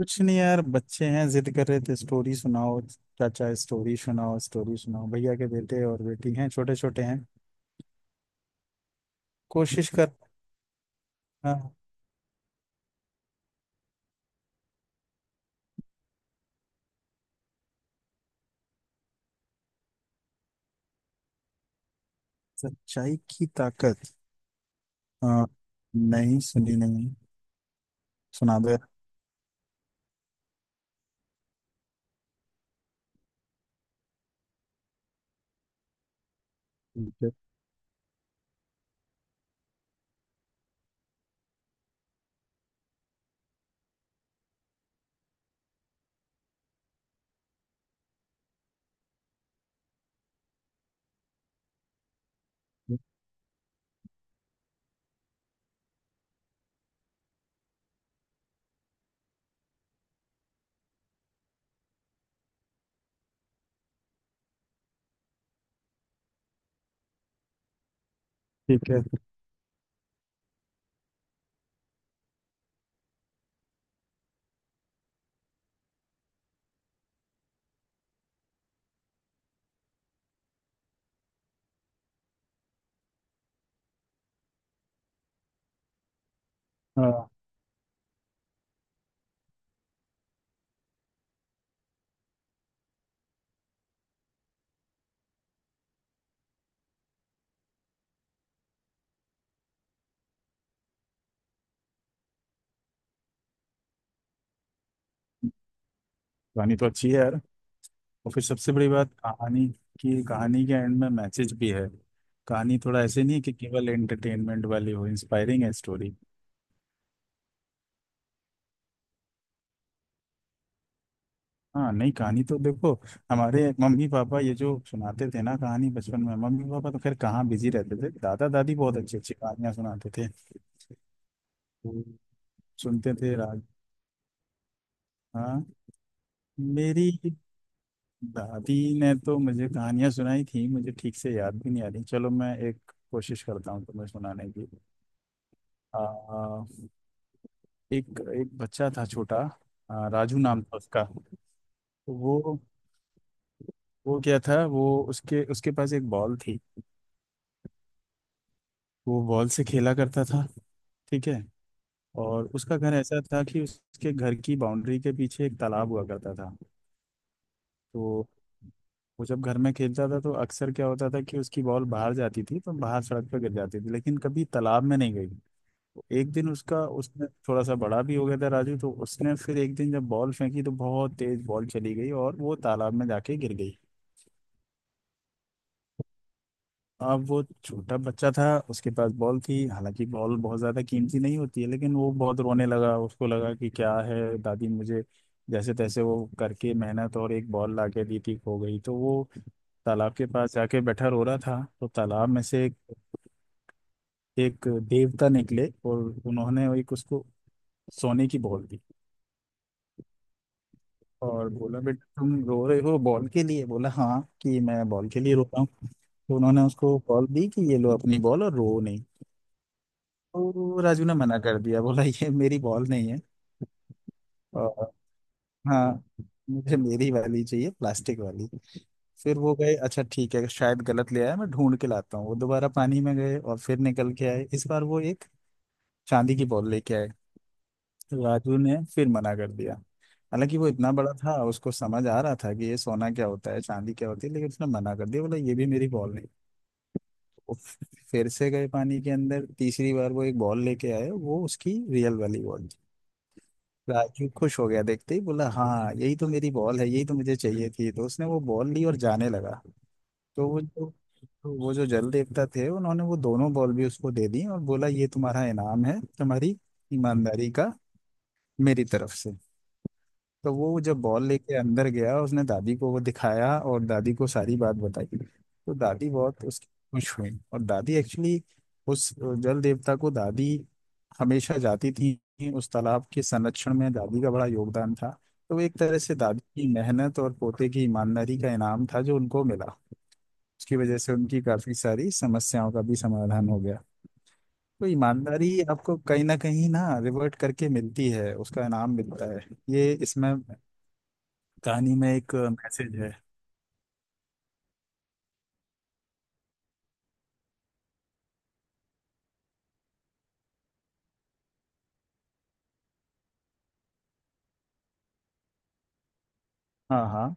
कुछ नहीं यार, बच्चे हैं जिद कर रहे थे स्टोरी सुनाओ, चाचा स्टोरी सुनाओ स्टोरी सुनाओ। भैया के बेटे और बेटी हैं, छोटे छोटे हैं, कोशिश कर। हाँ। सच्चाई की ताकत। हाँ, नहीं सुनी, नहीं, सुना दो यार। ठीक है। ठीक है। हाँ। कहानी तो अच्छी है यार। और फिर सबसे बड़ी बात कहानी की, कहानी के एंड में मैसेज भी है। कहानी थोड़ा ऐसे नहीं है कि केवल एंटरटेनमेंट वाली हो, इंस्पायरिंग है स्टोरी। हाँ, नहीं कहानी तो देखो, हमारे मम्मी पापा ये जो सुनाते थे ना कहानी बचपन में, मम्मी पापा तो खैर कहाँ बिजी रहते थे, दादा दादी बहुत अच्छी अच्छी कहानियां सुनाते थे तो सुनते थे राज। हाँ। मेरी दादी ने तो मुझे कहानियां सुनाई थी, मुझे ठीक से याद भी नहीं आ रही। चलो मैं एक कोशिश करता हूँ तुम्हें सुनाने की। आ, एक एक बच्चा था छोटा। राजू नाम था उसका। तो वो वो क्या था, वो उसके उसके पास एक बॉल थी। वो बॉल से खेला करता था, ठीक है। और उसका घर ऐसा था कि उसके घर की बाउंड्री के पीछे एक तालाब हुआ करता था। तो वो जब घर में खेलता था तो अक्सर क्या होता था कि उसकी बॉल बाहर जाती थी तो बाहर सड़क पर गिर जाती थी, लेकिन कभी तालाब में नहीं गई। तो एक दिन उसका, उसने थोड़ा सा बड़ा भी हो गया था राजू, तो उसने फिर एक दिन जब बॉल फेंकी तो बहुत तेज बॉल चली गई और वो तालाब में जाके गिर गई। अब वो छोटा बच्चा था, उसके पास बॉल थी, हालांकि बॉल बहुत ज़्यादा कीमती नहीं होती है, लेकिन वो बहुत रोने लगा। उसको लगा कि क्या है, दादी मुझे जैसे तैसे वो करके मेहनत और एक बॉल ला के दी थी, खो गई। तो वो तालाब के पास जाके बैठा रो रहा था, तो तालाब में से एक देवता निकले और उन्होंने एक, उसको सोने की बॉल दी और बोला बेटा तुम रो रहे हो बॉल के लिए, बोला हाँ कि मैं बॉल के लिए रो रहा हूँ। तो उन्होंने उसको बॉल दी कि ये लो अपनी बॉल और रो नहीं। तो राजू ने मना कर दिया, बोला ये मेरी बॉल नहीं है और हाँ मुझे मेरी वाली चाहिए, प्लास्टिक वाली। फिर वो गए, अच्छा ठीक है शायद गलत ले आया, मैं ढूंढ के लाता हूँ। वो दोबारा पानी में गए और फिर निकल के आए, इस बार वो एक चांदी की बॉल लेके आए। तो राजू ने फिर मना कर दिया, हालांकि वो इतना बड़ा था उसको समझ आ रहा था कि ये सोना क्या होता है चांदी क्या होती है, लेकिन उसने मना कर दिया बोला ये भी मेरी बॉल नहीं। वो फिर से गए पानी के अंदर, तीसरी बार वो एक बॉल लेके आए, वो उसकी रियल वाली बॉल। राजू खुश हो गया, देखते ही बोला हाँ यही तो मेरी बॉल है यही तो मुझे चाहिए थी। तो उसने वो बॉल ली और जाने लगा, तो वो जो जल देवता थे उन्होंने वो दोनों बॉल भी उसको दे दी और बोला ये तुम्हारा इनाम है, तुम्हारी ईमानदारी का, मेरी तरफ से। तो वो जब बॉल लेके अंदर गया उसने दादी को वो दिखाया और दादी को सारी बात बताई, तो दादी बहुत उसकी खुश हुई। और दादी एक्चुअली उस जल देवता को दादी हमेशा जाती थी, उस तालाब के संरक्षण में दादी का बड़ा योगदान था। तो वो एक तरह से दादी की मेहनत और पोते की ईमानदारी का इनाम था जो उनको मिला। उसकी वजह से उनकी काफी सारी समस्याओं का भी समाधान हो गया। तो ईमानदारी आपको कहीं ना रिवर्ट करके मिलती है, उसका इनाम मिलता है। ये इसमें कहानी में एक मैसेज है। हाँ हाँ।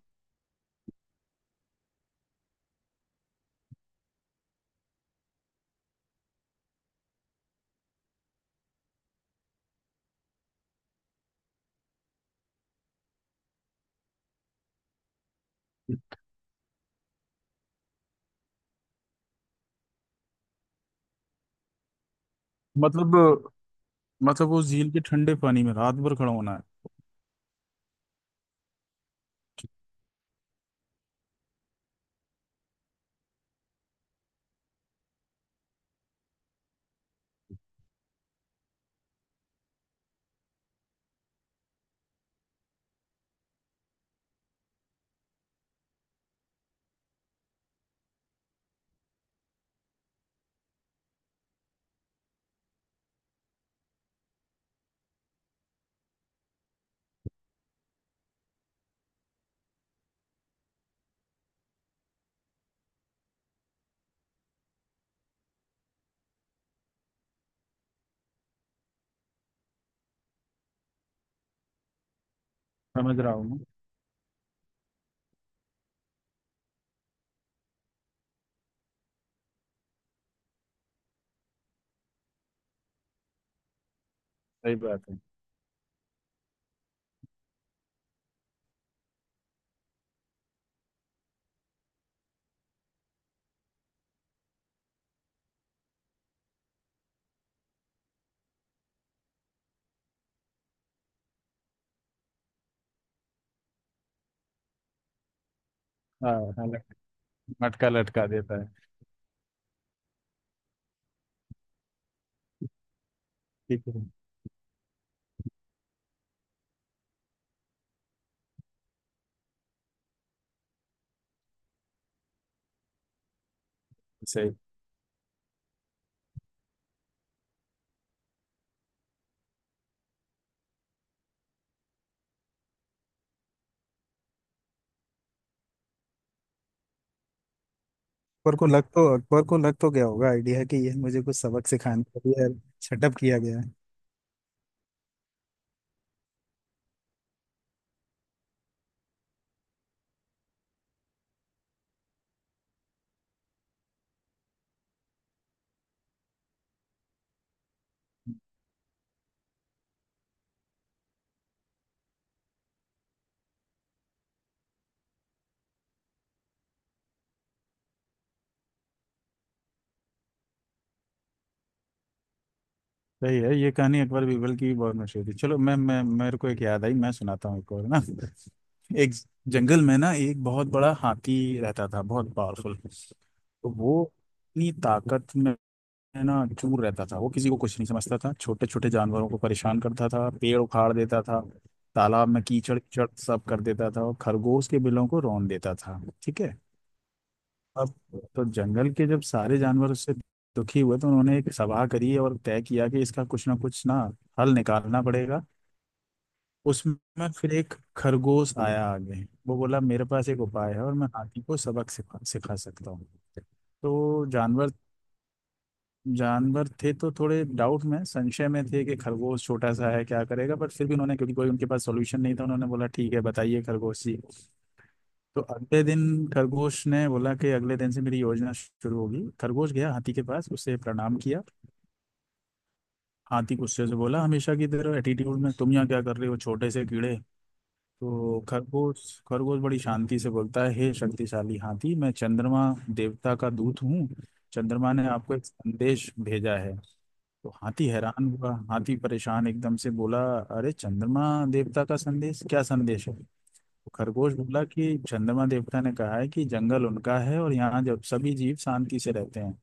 मतलब मतलब वो झील के ठंडे पानी में रात भर खड़ा होना है। समझ रहा हूँ मैं। सही बात है। हाँ हाँ, मटका लटका देता है। ठीक है। सही। अकबर को लग तो, अकबर को लग तो गया होगा आइडिया कि यह मुझे कुछ सबक सिखाने के लिए सेटअप किया गया है। सही है ये कहानी, अकबर बीरबल की भी बहुत मशहूर थी। चलो मैं मेरे को एक याद आई, मैं सुनाता हूँ एक और ना। एक जंगल में ना एक बहुत बड़ा हाथी रहता था, बहुत पावरफुल। तो वो अपनी ताकत में, है ना, चूर रहता था। वो किसी को कुछ नहीं समझता था, छोटे छोटे जानवरों को परेशान करता था, पेड़ उखाड़ देता था, तालाब में कीचड़ कीचड़ सब कर देता था और खरगोश के बिलों को रौंद देता था, ठीक है। अब तो जंगल के जब सारे जानवर उससे दुखी हुए तो उन्होंने एक सभा करी और तय किया कि इसका कुछ ना हल निकालना पड़ेगा। उसमें फिर एक खरगोश आया आगे, वो बोला मेरे पास एक उपाय है और मैं हाथी को सबक सिखा सिखा सकता हूँ। तो जानवर जानवर थे तो थोड़े डाउट में, संशय में थे कि खरगोश छोटा सा है क्या करेगा, बट फिर भी उन्होंने, क्योंकि कोई उनके पास सॉल्यूशन नहीं था, उन्होंने बोला ठीक है बताइए खरगोश जी। तो अगले दिन, खरगोश ने बोला कि अगले दिन से मेरी योजना शुरू होगी। खरगोश गया हाथी के पास, उसे प्रणाम किया। हाथी गुस्से से बोला हमेशा की तरह एटीट्यूड में, तुम यहाँ क्या कर रहे हो छोटे से कीड़े। तो खरगोश खरगोश बड़ी शांति से बोलता है, हे शक्तिशाली हाथी, मैं चंद्रमा देवता का दूत हूँ, चंद्रमा ने आपको एक संदेश भेजा है। तो हाथी हैरान हुआ, हाथी परेशान एकदम से बोला, अरे चंद्रमा देवता का संदेश, क्या संदेश है। तो खरगोश बोला कि चंद्रमा देवता ने कहा है कि जंगल उनका है और यहाँ जब सभी जीव शांति से रहते हैं,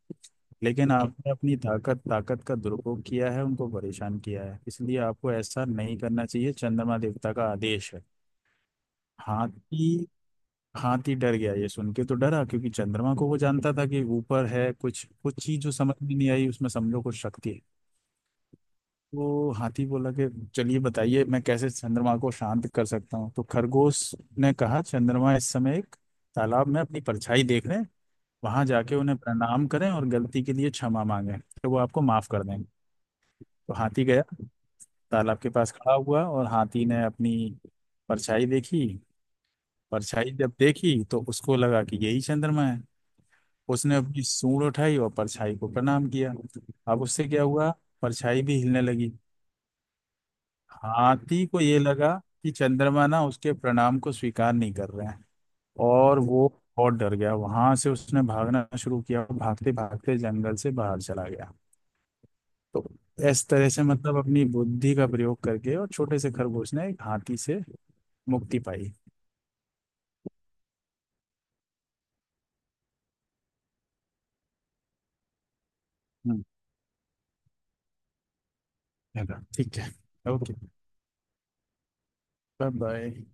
लेकिन आपने अपनी ताकत ताकत का दुरुपयोग किया है, उनको परेशान किया है, इसलिए आपको ऐसा नहीं करना चाहिए, चंद्रमा देवता का आदेश है। हाथी हाथी डर गया ये सुन के, तो डरा क्योंकि चंद्रमा को वो जानता था कि ऊपर है कुछ, कुछ चीज जो समझ में नहीं आई उसमें, समझो कुछ शक्ति है। तो हाथी बोला कि चलिए बताइए मैं कैसे चंद्रमा को शांत कर सकता हूँ। तो खरगोश ने कहा चंद्रमा इस समय एक तालाब में अपनी परछाई देख रहे हैं, वहां जाके उन्हें प्रणाम करें और गलती के लिए क्षमा मांगे, तो वो आपको माफ कर देंगे। तो हाथी गया तालाब के पास, खड़ा हुआ और हाथी ने अपनी परछाई देखी। परछाई जब देखी तो उसको लगा कि यही चंद्रमा है। उसने अपनी सूंड उठाई और परछाई को प्रणाम किया। अब उससे क्या हुआ, परछाई भी हिलने लगी। हाथी को ये लगा कि चंद्रमा ना उसके प्रणाम को स्वीकार नहीं कर रहे हैं और वो बहुत डर गया। वहां से उसने भागना शुरू किया और भागते भागते जंगल से बाहर चला गया। तो इस तरह से मतलब अपनी बुद्धि का प्रयोग करके और छोटे से खरगोश ने एक हाथी से मुक्ति पाई। हम्म। चलो, ठीक है। ओके। Bye bye.